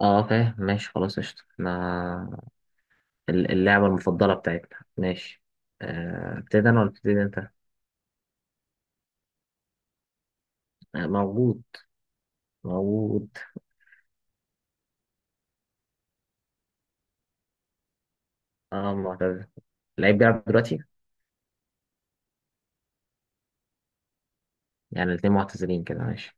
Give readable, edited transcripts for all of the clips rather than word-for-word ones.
اه فاهم ماشي خلاص قشطة ما اللعبة المفضلة بتاعتنا ماشي. ابتدي انا ولا ابتدي انت؟ موجود موجود. اه معتزل. اللعيب بيلعب دلوقتي. يعني الاتنين معتزلين كده ماشي.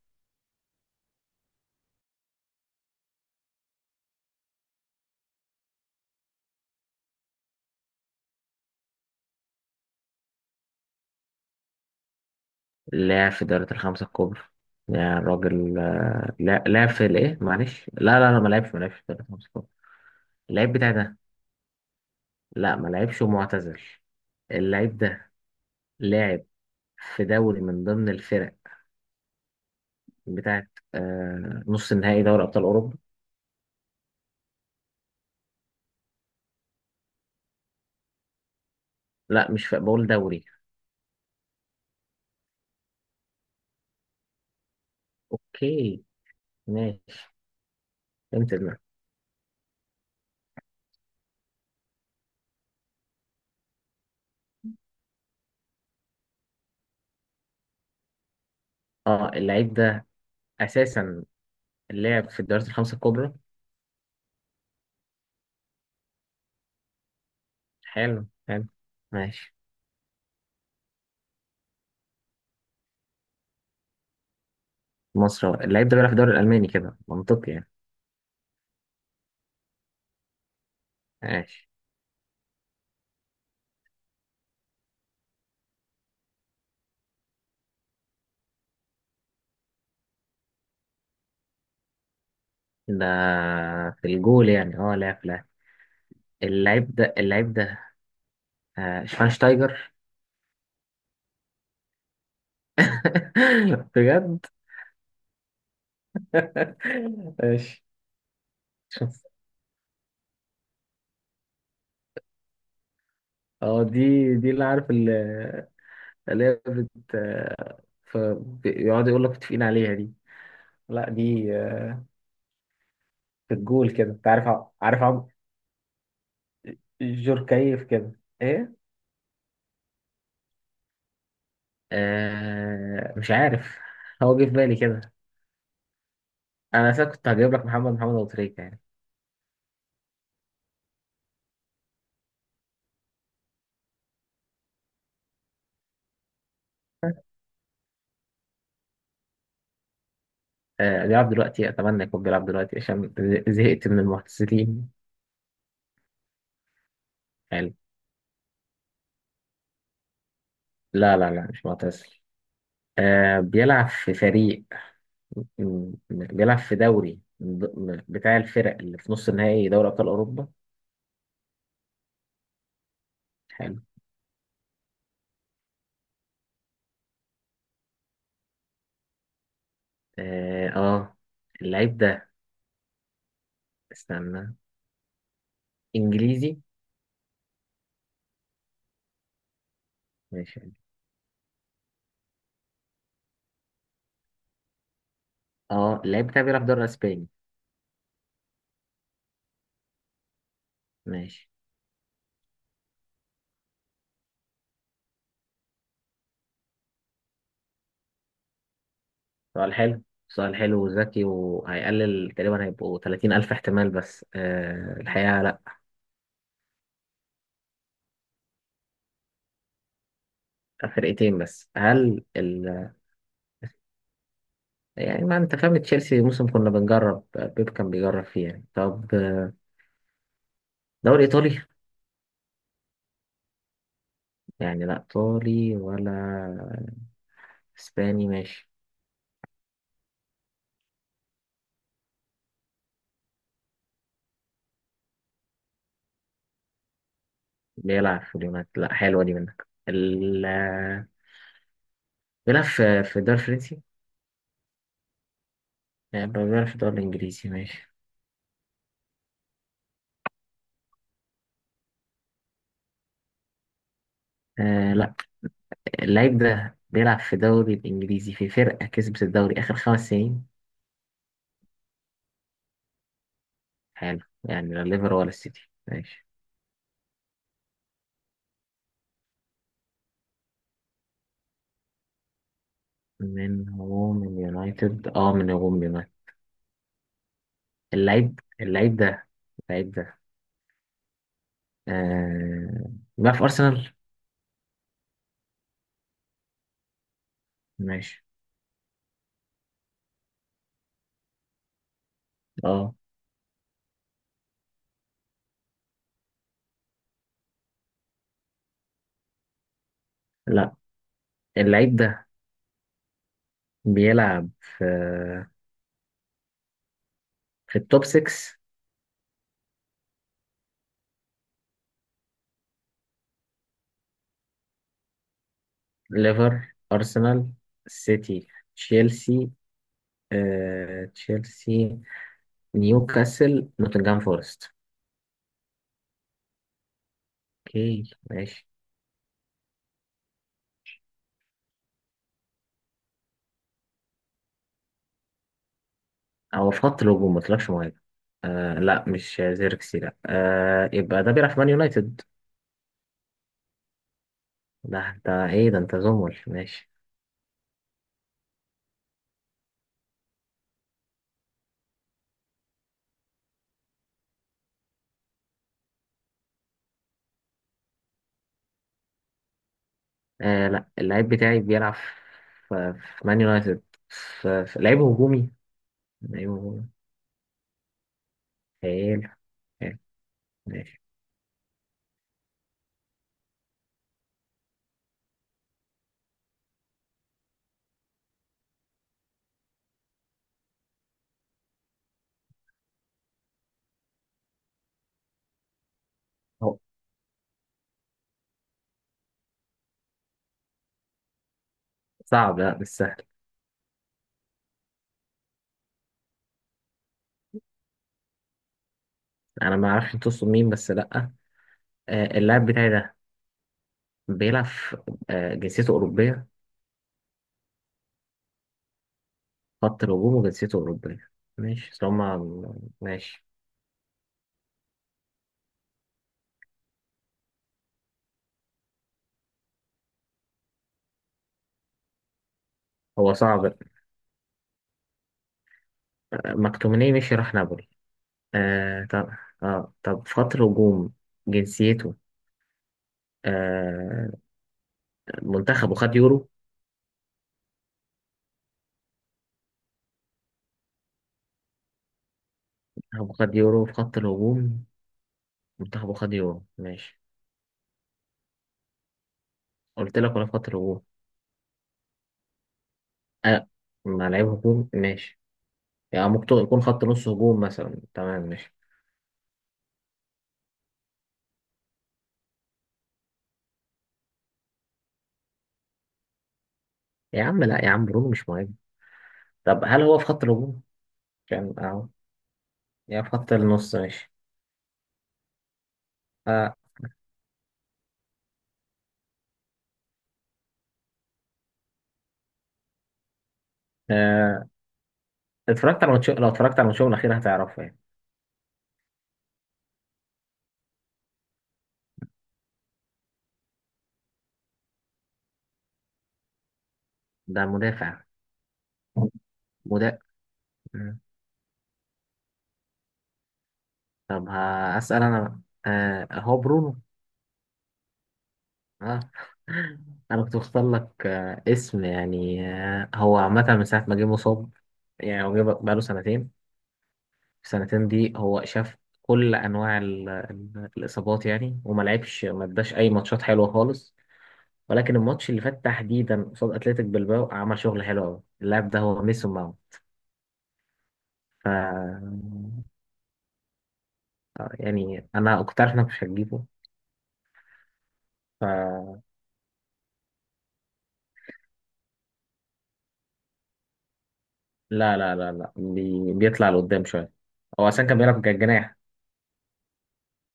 لاعب في دوري الخمسة الكبرى. يعني الراجل لا لاعب في الايه معلش لا لا لا ما لعبش ما لعبش في دوري الخمسة الكبرى. اللعيب بتاعي ده لا ما لعبش ومعتزل. اللعيب ده لاعب في دوري من ضمن الفرق بتاعت نص النهائي دوري أبطال أوروبا. لا مش في بقول دوري. اوكي ماشي. فهمت دماغك. اه اللعيب ده اساسا لعب في الدوريات الخمسه الكبرى. حلو حلو ماشي. مصر هو. اللعيب ده بيلعب في الدوري الالماني كده منطقي يعني. ماشي. ده في الجول يعني اه لعب. اللعيب ده شفاينشتايجر. بجد. ماشي. شوف اه دي اللي عارف اللي هي بيقعدوا يقول لك متفقين عليها دي. لا دي في الجول كده انت عارف عارف جوركايف كده ايه. مش عارف. هو جه في بالي كده. انا اساسا كنت هجيب لك محمد ابو تريكة يعني. بيلعب دلوقتي اتمنى يكون بيلعب دلوقتي عشان زهقت من المعتزلين يعني. لا لا لا مش معتزل. بيلعب في فريق بيلعب في دوري بتاع الفرق اللي في نص النهائي دوري ابطال اوروبا. حلو. اه اللعيب ده استنى انجليزي ماشي. اه اللعيب بتاعي بيلعب دوري اسباني. ماشي. سؤال حلو. سؤال حلو وذكي وهيقلل تقريبا هيبقوا 30 ألف احتمال بس آه الحقيقة لا. فرقتين بس هل يعني ما انت فاهم تشيلسي موسم كنا بنجرب بيب كان بيجرب فيه يعني. طب دوري ايطالي. يعني لا ايطالي ولا اسباني ماشي. بيلعب في اليونايتد لا حلوة دي منك بيلعب في الدوري الفرنسي. يعني بيلعب في الدوري الانجليزي ماشي. آه لا اللعيب ده بيلعب في الدوري الإنجليزي في فرقة كسبت الدوري آخر خمس سنين. حلو يعني لا ليفر ولا السيتي ماشي. من هو من يونايتد. اللعيب ده اللعيب ده آه بيلعب في أرسنال. ماشي. اه لا اللعيب ده بيلعب في التوب 6. ليفر أرسنال سيتي تشيلسي تشيلسي نيوكاسل نوتنغهام فورست. اوكي ماشي. هو في خط الهجوم ما طلعش مهاجم. آه لا مش زيركسي لا آه يبقى ده بيلعب في مان يونايتد. ده انت ايه ده انت زمل ماشي. آه لا اللعيب بتاعي بيلعب في مان يونايتد. في لعيب هجومي. لعيب هجومي. حلو حلو ماشي. هو صعب لا مش سهل. انا ما اعرفش تقصد مين بس لا. آه اللاعب بتاعي ده بيلعب في- جنسيته اوروبيه. خط الهجوم وجنسيته اوروبيه ماشي اصل هما ماشي. هو صعب. مكتوميني مشي راح نابولي. آه طب. اه طب خط الهجوم. جنسيته آه منتخبه خد يورو. منتخبه خد يورو في خط الهجوم. منتخبه خد يورو ماشي. قلت لك ولا في خط الهجوم. آه مع لعيب هجوم ماشي. يعني ممكن يكون خط نص هجوم مثلا تمام ماشي. يا عم لا يا عم برونو مش مهم. طب هل هو في خط الهجوم؟ كان اهو يا في خط النص ماشي. آه آه اتفرجت على ماتش لو اتفرجت على ماتشهم الأخير هتعرفه يعني. ده مدافع. مدافع. طب هسأل أنا بقى. آه هو برونو. آه. أنا كنت بختار لك اسم يعني هو عامة من ساعة ما جه مصاب يعني. هو جه بقاله سنتين. السنتين دي هو شاف كل أنواع الإصابات يعني وما لعبش ما اداش أي ماتشات حلوة خالص. ولكن الماتش اللي فات تحديدا قصاد أتلتيك بلباو عمل شغل حلو أوي. اللاعب ده هو ميسون ماونت. ف يعني أنا كنت عارف إنك مش هتجيبه. لا لا لا لا بيطلع لقدام شويه. هو اصلا كان بيلعب جناح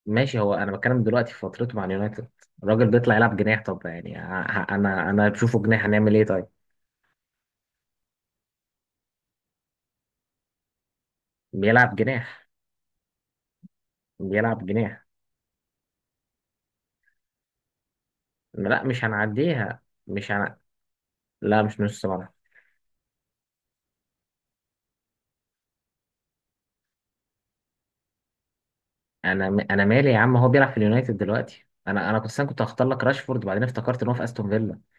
ماشي. هو انا بتكلم دلوقتي في فترته مع اليونايتد. الراجل بيطلع يلعب جناح طب يعني انا بشوفه جناح هنعمل ايه طيب. بيلعب جناح. بيلعب جناح. لا مش هنعديها. مش هن... لا مش نص ملعب. انا مالي يا عم هو بيلعب في اليونايتد دلوقتي. انا كنت هختار لك راشفورد بعدين افتكرت ان هو في استون فيلا.